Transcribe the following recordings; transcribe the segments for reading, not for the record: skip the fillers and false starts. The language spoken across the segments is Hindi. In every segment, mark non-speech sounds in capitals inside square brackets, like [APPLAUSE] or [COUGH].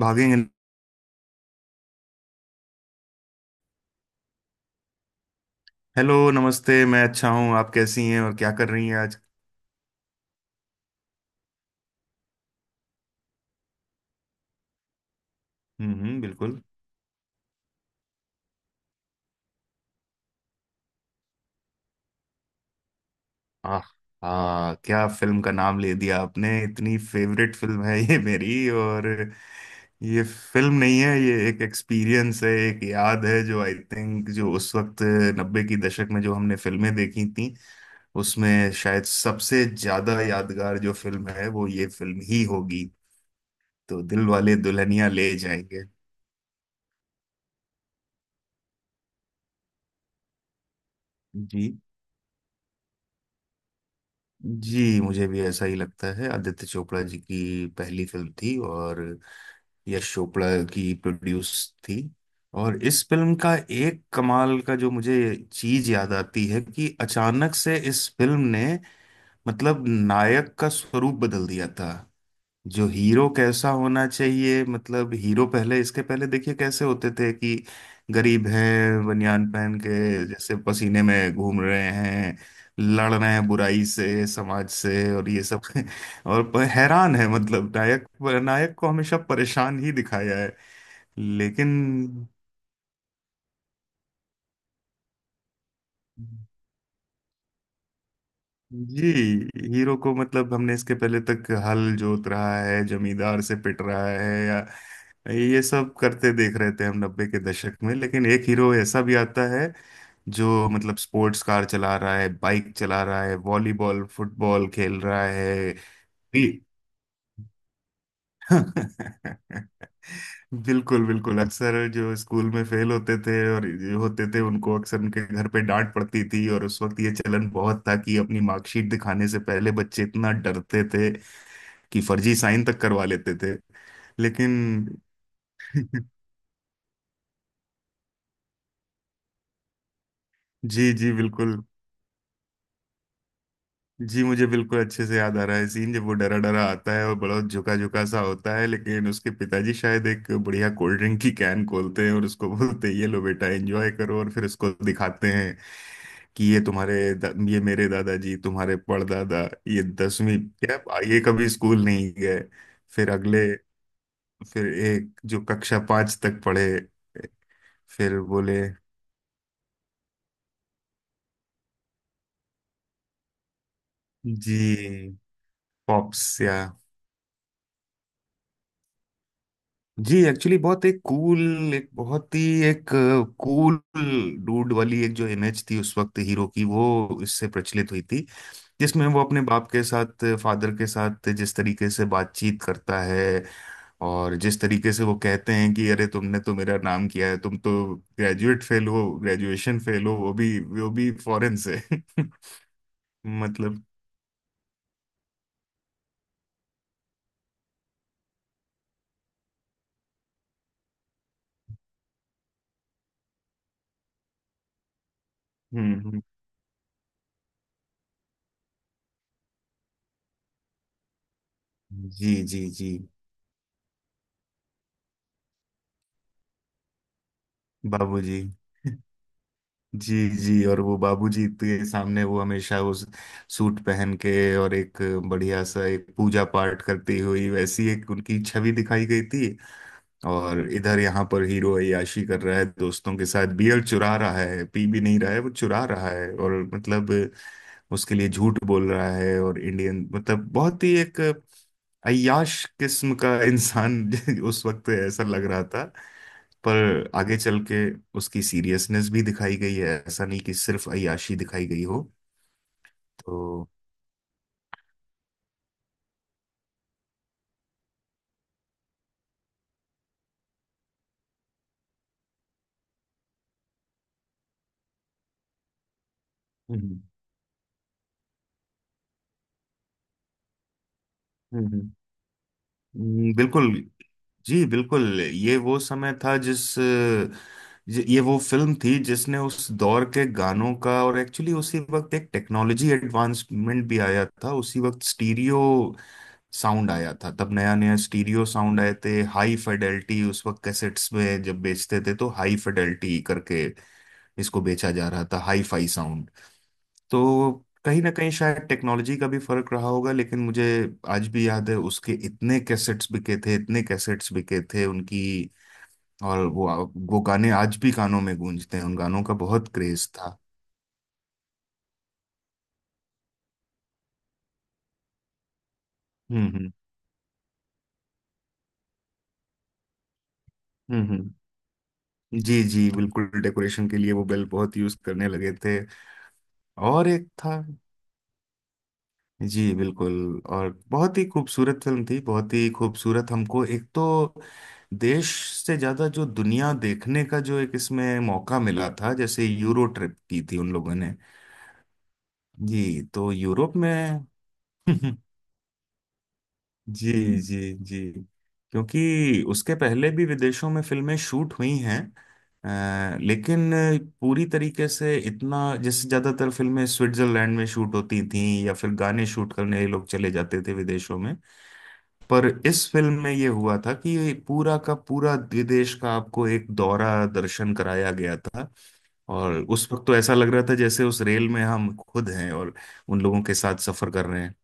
भागेंगे। हेलो, नमस्ते। मैं अच्छा हूँ, आप कैसी हैं और क्या कर रही हैं आज? हम्म, हम्म, बिल्कुल। आह, हाँ, क्या फिल्म का नाम ले दिया आपने, इतनी फेवरेट फिल्म है ये मेरी। और ये फिल्म नहीं है, ये एक एक्सपीरियंस है, एक याद है जो, आई थिंक, जो उस वक्त 90 की दशक में जो हमने फिल्में देखी थी, उसमें शायद सबसे ज्यादा यादगार जो फिल्म है वो ये फिल्म ही होगी। तो, दिल वाले दुल्हनिया ले जाएंगे। जी, जी, मुझे भी ऐसा ही लगता है, आदित्य चोपड़ा जी की पहली फिल्म थी और यश चोपड़ा की प्रोड्यूस थी। और इस फिल्म का एक कमाल का जो मुझे चीज याद आती है कि अचानक से इस फिल्म ने, मतलब, नायक का स्वरूप बदल दिया था। जो हीरो कैसा होना चाहिए, मतलब हीरो पहले, इसके पहले देखिए कैसे होते थे कि गरीब हैं, बनियान पहन के जैसे पसीने में घूम रहे हैं, लड़ रहे हैं बुराई से, समाज से और ये सब [LAUGHS] और हैरान है, मतलब नायक नायक को हमेशा परेशान ही दिखाया है। लेकिन जी, हीरो को, मतलब हमने इसके पहले तक हल जोत रहा है, जमींदार से पिट रहा है या ये सब करते देख रहे थे हम 90 के दशक में। लेकिन एक हीरो ऐसा भी आता है जो, मतलब, स्पोर्ट्स कार चला रहा है, बाइक चला रहा है, वॉलीबॉल फुटबॉल खेल रहा है। [LAUGHS] बिल्कुल, बिल्कुल, अक्सर जो स्कूल में फेल होते थे और जो होते थे उनको अक्सर उनके घर पे डांट पड़ती थी, और उस वक्त ये चलन बहुत था कि अपनी मार्कशीट दिखाने से पहले बच्चे इतना डरते थे कि फर्जी साइन तक करवा लेते थे। लेकिन [LAUGHS] जी, जी, बिल्कुल। जी मुझे बिल्कुल अच्छे से याद आ रहा है सीन, जब वो डरा डरा आता है और बड़ा झुका झुका सा होता है, लेकिन उसके पिताजी शायद एक बढ़िया कोल्ड ड्रिंक की कैन खोलते हैं और उसको [LAUGHS] बोलते हैं ये लो बेटा एंजॉय करो। और फिर उसको दिखाते हैं कि ये तुम्हारे ये मेरे दादाजी, तुम्हारे परदादा, ये 10वीं क्या, ये कभी स्कूल नहीं गए। फिर अगले, फिर एक जो कक्षा पांच तक पढ़े, फिर बोले। जी। पॉप्स, या, जी, एक्चुअली बहुत एक कूल, एक बहुत ही एक कूल डूड वाली एक जो इमेज थी उस वक्त हीरो की, वो इससे प्रचलित हुई थी। जिसमें वो अपने बाप के साथ, फादर के साथ जिस तरीके से बातचीत करता है और जिस तरीके से वो कहते हैं कि अरे तुमने तो मेरा नाम किया है, तुम तो ग्रेजुएट फेल हो, ग्रेजुएशन फेल हो, वो भी, वो भी फॉरेन से [LAUGHS] मतलब। हम्म, जी, जी, जी। बाबूजी [LAUGHS] जी, जी। और वो बाबूजी के सामने वो हमेशा उस सूट पहन के और एक बढ़िया सा एक पूजा पाठ करती हुई वैसी एक उनकी छवि दिखाई गई थी। और इधर यहाँ पर हीरो अय्याशी कर रहा है, दोस्तों के साथ बियर चुरा रहा है, पी भी नहीं रहा है, वो चुरा रहा है और मतलब उसके लिए झूठ बोल रहा है। और इंडियन, मतलब बहुत ही एक अय्याश किस्म का इंसान [LAUGHS] उस वक्त ऐसा लग रहा था। पर आगे चल के उसकी सीरियसनेस भी दिखाई गई है, ऐसा नहीं कि सिर्फ अय्याशी दिखाई गई हो। तो। हम्म, हम्म, बिल्कुल। जी बिल्कुल, ये वो समय था जिस ये वो फिल्म थी जिसने उस दौर के गानों का, और एक्चुअली उसी वक्त एक टेक्नोलॉजी एडवांसमेंट भी आया था, उसी वक्त स्टीरियो साउंड आया था, तब नया नया स्टीरियो साउंड आए थे, हाई फिडेलिटी। उस वक्त कैसेट्स में जब बेचते थे तो हाई फिडेलिटी करके इसको बेचा जा रहा था, हाई फाई साउंड। तो कहीं ना कहीं शायद टेक्नोलॉजी का भी फर्क रहा होगा, लेकिन मुझे आज भी याद है, उसके इतने कैसेट्स बिके थे, इतने कैसेट्स बिके थे उनकी। और वो गाने आज भी कानों में गूंजते हैं, उन गानों का बहुत क्रेज था। हम्म, हम्म, हम्म, जी, जी बिल्कुल, डेकोरेशन के लिए वो बेल बहुत यूज करने लगे थे। और एक था। जी बिल्कुल। और बहुत ही खूबसूरत फिल्म थी, बहुत ही खूबसूरत। हमको एक तो देश से ज्यादा जो दुनिया देखने का जो एक इसमें मौका मिला था, जैसे यूरो ट्रिप की थी उन लोगों ने। जी, तो यूरोप में। [LAUGHS] जी, जी, जी। क्योंकि उसके पहले भी विदेशों में फिल्में शूट हुई हैं। लेकिन पूरी तरीके से इतना, जैसे ज्यादातर फिल्में स्विट्जरलैंड में शूट होती थी या फिर गाने शूट करने लोग चले जाते थे विदेशों में। पर इस फिल्म में ये हुआ था कि ये पूरा का पूरा विदेश का आपको एक दौरा दर्शन कराया गया था। और उस वक्त तो ऐसा लग रहा था जैसे उस रेल में हम खुद हैं और उन लोगों के साथ सफर कर रहे हैं।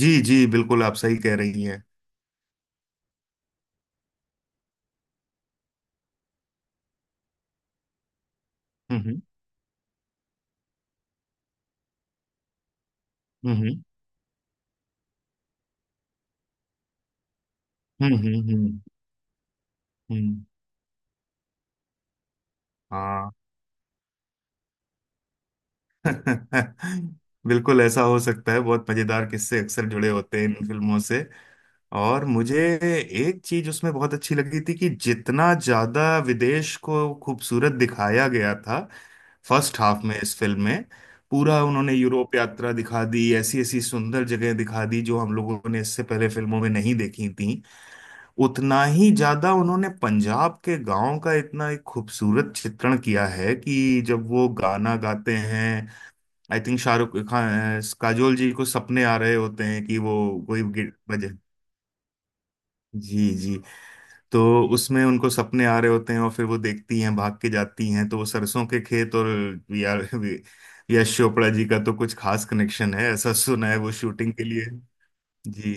जी, जी बिल्कुल, आप सही कह रही हैं। हम्म, हम्म, हम्म, हम्म, हम्म, हम्म, हाँ। [LAUGHS] बिल्कुल ऐसा हो सकता है, बहुत मजेदार किस्से अक्सर जुड़े होते हैं इन फिल्मों से। और मुझे एक चीज उसमें बहुत अच्छी लगी थी कि जितना ज्यादा विदेश को खूबसूरत दिखाया गया था, फर्स्ट हाफ में इस फिल्म में पूरा उन्होंने यूरोप यात्रा दिखा दी, ऐसी ऐसी सुंदर जगह दिखा दी जो हम लोगों ने इससे पहले फिल्मों में नहीं देखी थी, उतना ही ज्यादा उन्होंने पंजाब के गांव का इतना एक खूबसूरत चित्रण किया है कि जब वो गाना गाते हैं, आई थिंक शाहरुख खान, काजोल जी को सपने आ रहे होते हैं कि वो कोई बजे। जी, जी। तो उसमें उनको सपने आ रहे होते हैं और फिर वो देखती हैं, भाग के जाती हैं तो वो सरसों के खेत और वी आर वी- यश चोपड़ा जी का तो कुछ खास कनेक्शन है ऐसा सुना है, वो शूटिंग के लिए। जी,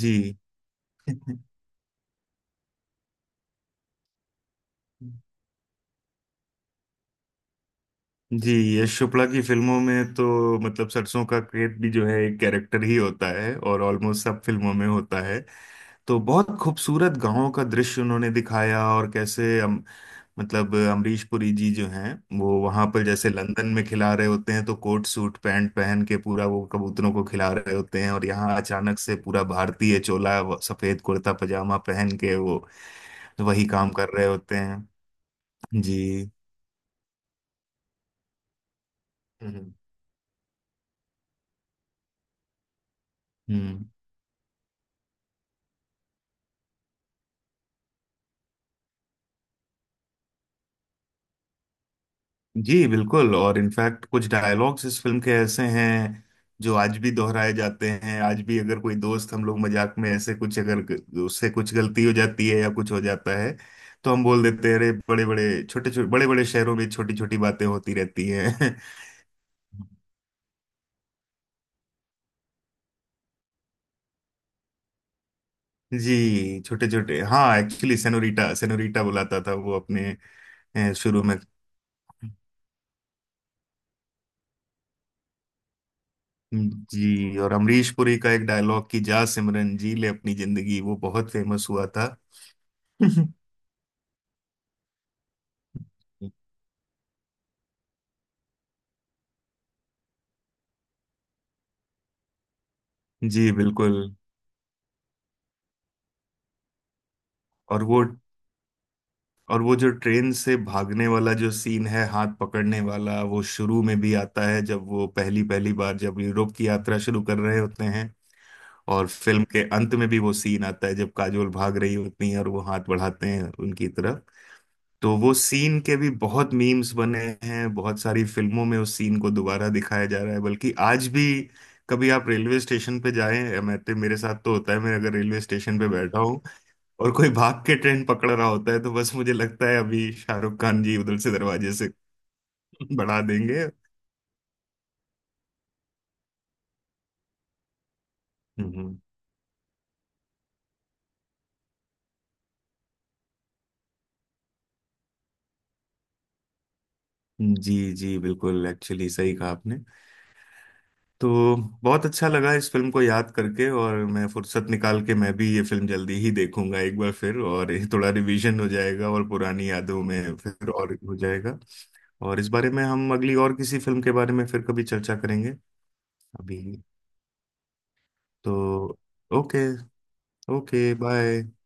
जी, जी। यश चोपड़ा की फिल्मों में तो मतलब सरसों का खेत भी जो है, एक कैरेक्टर ही होता है और ऑलमोस्ट सब फिल्मों में होता है। तो बहुत खूबसूरत गांवों का दृश्य उन्होंने दिखाया, और कैसे हम, मतलब अमरीश पुरी जी जो हैं, वो वहां पर जैसे लंदन में खिला रहे होते हैं तो कोट सूट पैंट पहन के पूरा वो कबूतरों को खिला रहे होते हैं, और यहाँ अचानक से पूरा भारतीय चोला सफेद कुर्ता पजामा पहन के वो वही काम कर रहे होते हैं। जी। हम्म। जी बिल्कुल। और इनफैक्ट कुछ डायलॉग्स इस फिल्म के ऐसे हैं जो आज भी दोहराए जाते हैं, आज भी अगर कोई दोस्त, हम लोग मजाक में ऐसे कुछ अगर उससे कुछ गलती हो जाती है या कुछ हो जाता है तो हम बोल देते हैं, अरे, बड़े बड़े छोटे छोटे बड़े बड़े शहरों में छोटी छोटी बातें होती रहती हैं। [LAUGHS] जी, छोटे छोटे, हाँ, एक्चुअली सेनोरीटा, सेनोरीटा बुलाता था वो अपने, शुरू में। जी। और अमरीश पुरी का एक डायलॉग कि जा सिमरन जी ले अपनी जिंदगी, वो बहुत फेमस हुआ था। [LAUGHS] जी बिल्कुल। और वो जो ट्रेन से भागने वाला जो सीन है, हाथ पकड़ने वाला, वो शुरू में भी आता है जब वो पहली पहली बार जब यूरोप की यात्रा शुरू कर रहे होते हैं। और फिल्म के अंत में भी वो सीन आता है जब काजोल भाग रही होती हैं और वो हाथ बढ़ाते हैं उनकी तरफ। तो वो सीन के भी बहुत मीम्स बने हैं, बहुत सारी फिल्मों में उस सीन को दोबारा दिखाया जा रहा है, बल्कि आज भी, कभी आप रेलवे स्टेशन पे जाएं, मेरे साथ तो होता है, मैं अगर रेलवे स्टेशन पे बैठा हूँ और कोई भाग के ट्रेन पकड़ रहा होता है तो बस मुझे लगता है अभी शाहरुख खान जी उधर से दरवाजे से [LAUGHS] बढ़ा देंगे। हम्म। जी, जी बिल्कुल, एक्चुअली सही कहा आपने। तो बहुत अच्छा लगा इस फिल्म को याद करके, और मैं फुर्सत निकाल के मैं भी ये फिल्म जल्दी ही देखूंगा एक बार फिर, और ये थोड़ा रिवीजन हो जाएगा और पुरानी यादों में फिर और हो जाएगा। और इस बारे में हम अगली और किसी फिल्म के बारे में फिर कभी चर्चा करेंगे। अभी तो, ओके। Okay, bye.